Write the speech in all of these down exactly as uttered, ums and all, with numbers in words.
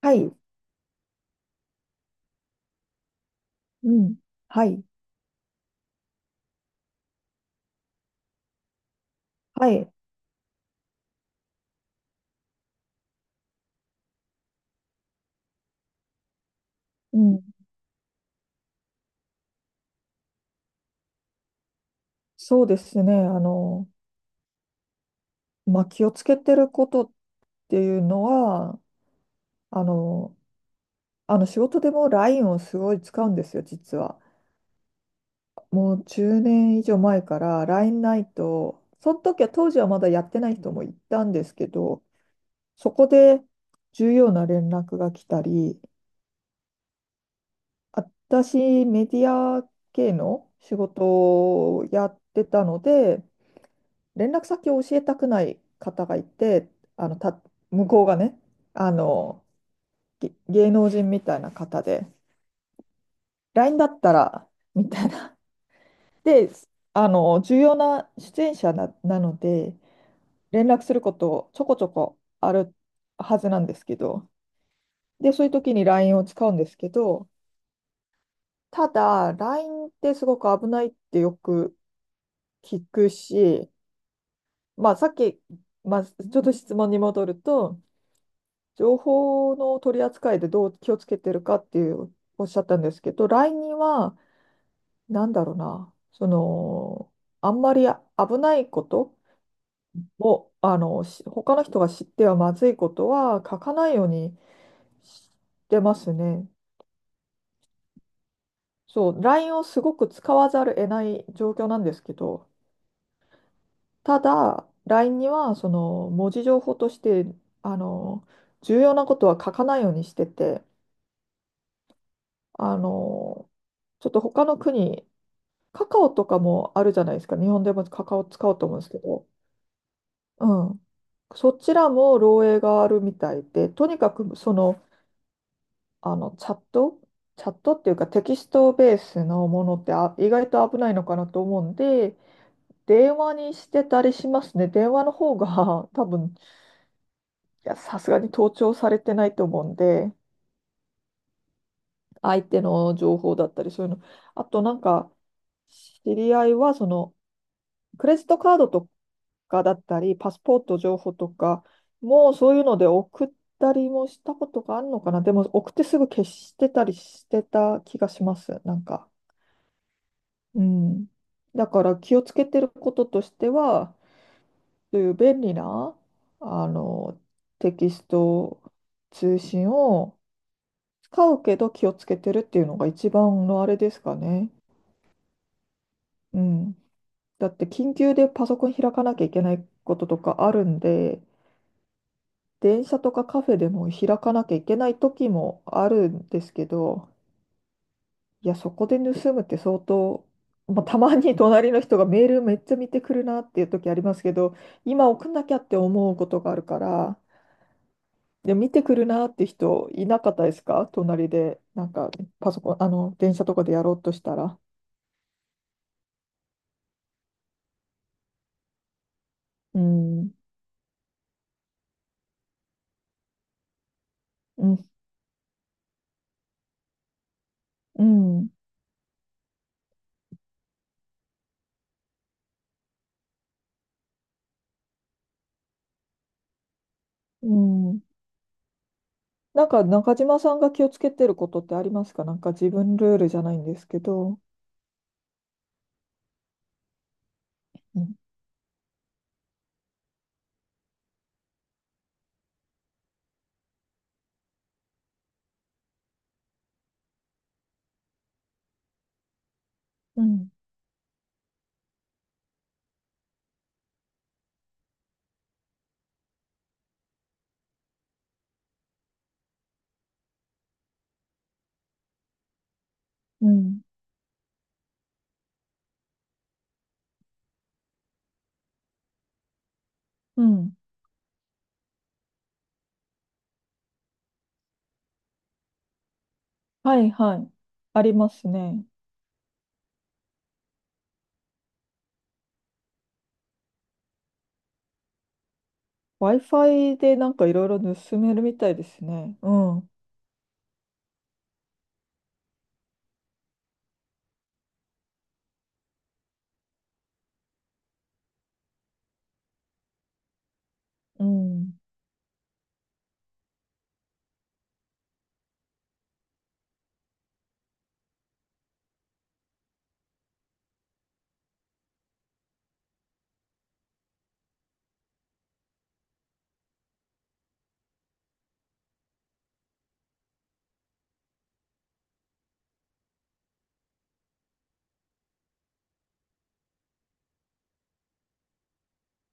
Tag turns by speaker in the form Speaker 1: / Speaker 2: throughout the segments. Speaker 1: はい、うん。はい、はい。うん。そうですね。あの、まあ、気をつけてることっていうのは、あの、あの仕事でも ライン をすごい使うんですよ、実は。もうじゅうねん以上前から ライン ないと、その時は当時はまだやってない人もいたんですけど、そこで重要な連絡が来たり、私、メディア系の仕事をやってたので、連絡先を教えたくない方がいて、あのた向こうがね、あのげ芸能人みたいな方で、ライン だったらみたいな。で、あの重要な出演者な、なので、連絡することちょこちょこあるはずなんですけど、で、そういう時に ライン を使うんですけど、ただ、ライン ってすごく危ないってよく聞くし、まあ、さっき、まあ、ちょっと質問に戻ると、情報の取り扱いでどう気をつけてるかっていうおっしゃったんですけど、ライン には、なんだろうな、その、あんまり危ないことを、あの、し他の人が知ってはまずいことは書かないようにしてますね。そう、ライン をすごく使わざるを得ない状況なんですけど、ただ、ライン には、その、文字情報として、あの、重要なことは書かないようにしてて、あの、ちょっと他の国カカオとかもあるじゃないですか。日本でもカカオ使おうと思うんですけど。うん。そちらも漏洩があるみたいで、とにかくその、あのチャット、チャットっていうかテキストベースのものってあ意外と危ないのかなと思うんで、電話にしてたりしますね。電話の方が 多分、いや、さすがに盗聴されてないと思うんで、相手の情報だったりそういうの。あとなんか、知り合いはそのクレジットカードとかだったり、パスポート情報とか、もうそういうので送ったりもしたことがあるのかな。でも送ってすぐ消してたりしてた気がします。なんか。うん。だから気をつけてることとしては、そういう便利な、あの、テキスト通信を使うけど気をつけてるっていうのが一番のあれですかね。うん。だって緊急でパソコン開かなきゃいけないこととかあるんで、電車とかカフェでも開かなきゃいけない時もあるんですけど、いや、そこで盗むって相当、まあ、たまに隣の人がメールめっちゃ見てくるなっていう時ありますけど、今送んなきゃって思うことがあるから、で、見てくるなって人いなかったですか隣で、なんかパソコン、あの、電車とかでやろうとしたら。うん、うん、うん、うん。なんか中島さんが気をつけてることってありますか？なんか自分ルールじゃないんですけど。うん、うん。うんうん。はいはい。ありますね。ワイファイ でなんかいろいろ盗めるみたいですね。うん。うん。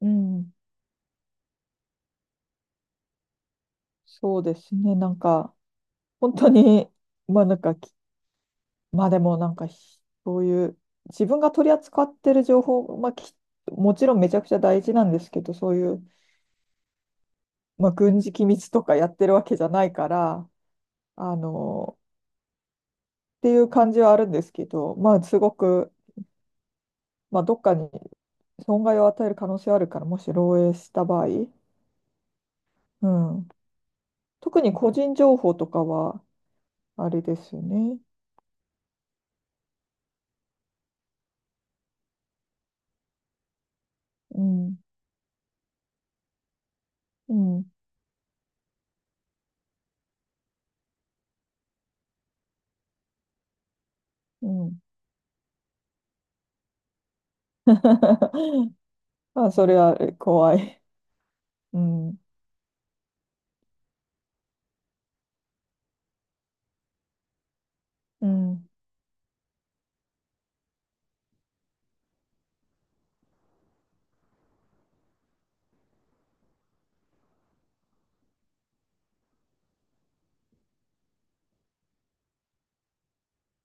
Speaker 1: うん。そうですね。なんか、本当に、まあなんかき、まあでもなんかひ、そういう、自分が取り扱ってる情報、まあき、もちろんめちゃくちゃ大事なんですけど、そういう、まあ軍事機密とかやってるわけじゃないから、あの、っていう感じはあるんですけど、まあすごく、まあ、どっかに損害を与える可能性はあるから、もし漏洩した場合、うん、特に個人情報とかは、あれですよね。うん、うん、うん。まあ、それは怖い。うん、うん。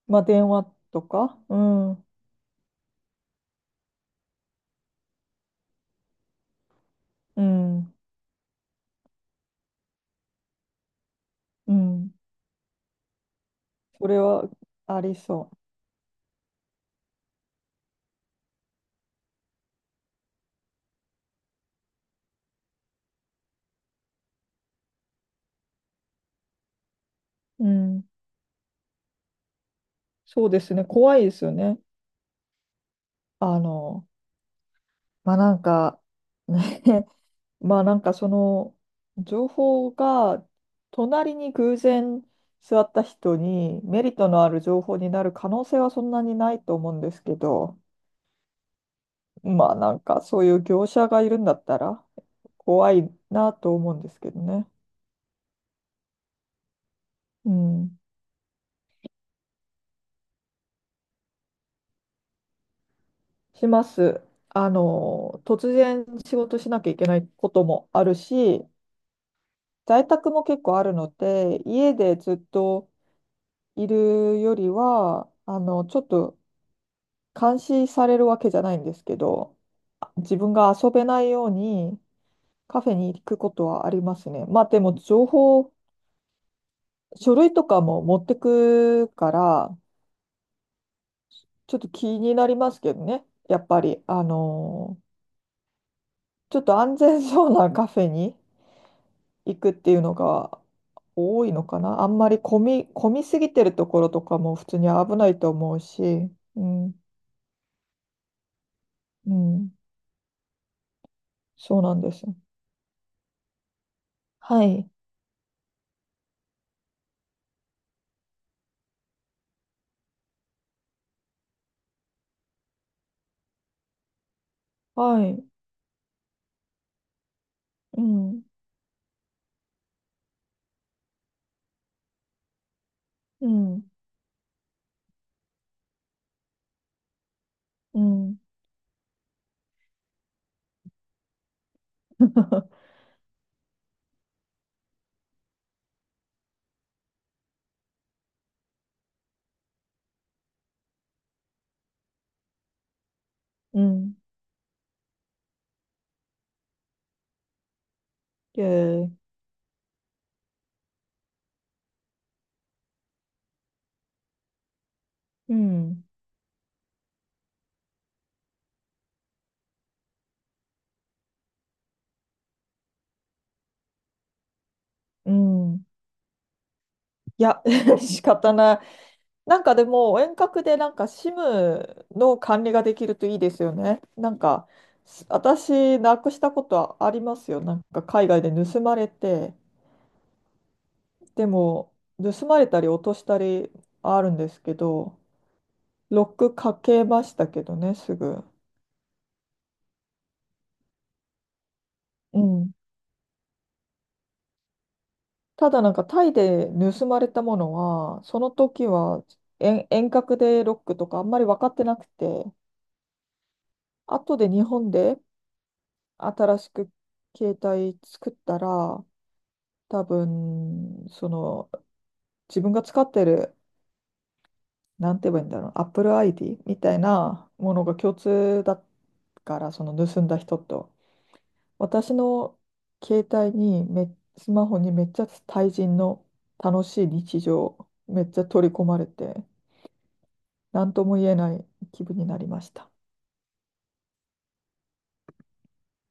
Speaker 1: まあ、電話とか、うん、うん、うん。それはありそう。うん。そうですね。怖いですよね。あの、まあ、なんか、ねまあなんかその情報が隣に偶然座った人にメリットのある情報になる可能性はそんなにないと思うんですけど、まあなんかそういう業者がいるんだったら怖いなと思うんですけどね。うん、します。あの、突然仕事しなきゃいけないこともあるし、在宅も結構あるので、家でずっといるよりは、あの、ちょっと監視されるわけじゃないんですけど、あ自分が遊べないようにカフェに行くことはありますね。まあでも情報、書類とかも持ってくから、ちょっと気になりますけどね。やっぱり、あのーちょっと安全そうなカフェに行くっていうのが多いのかな。あんまり混み、混みすぎてるところとかも普通に危ないと思うし、うん、うん、そうなんです。はい、はい、うん、うん、うん。うん。で、うん。うん。いや、仕方ない。なんかでも、遠隔でなんか シム の管理ができるといいですよね。なんか、す私、なくしたことはありますよ。なんか海外で盗まれて、でも、盗まれたり落としたりあるんですけど、ロックかけましたけどね、すぐ。うん。ただなんかタイで盗まれたものは、その時は遠、遠隔でロックとかあんまり分かってなくて、後で日本で新しく携帯作ったら、多分、その自分が使ってる、なんて言えばいいんだろう、Apple アイディー みたいなものが共通だから、その盗んだ人と。私の携帯にめ、スマホにめっちゃ対人の楽しい日常、めっちゃ取り込まれて。何とも言えない気分になりました。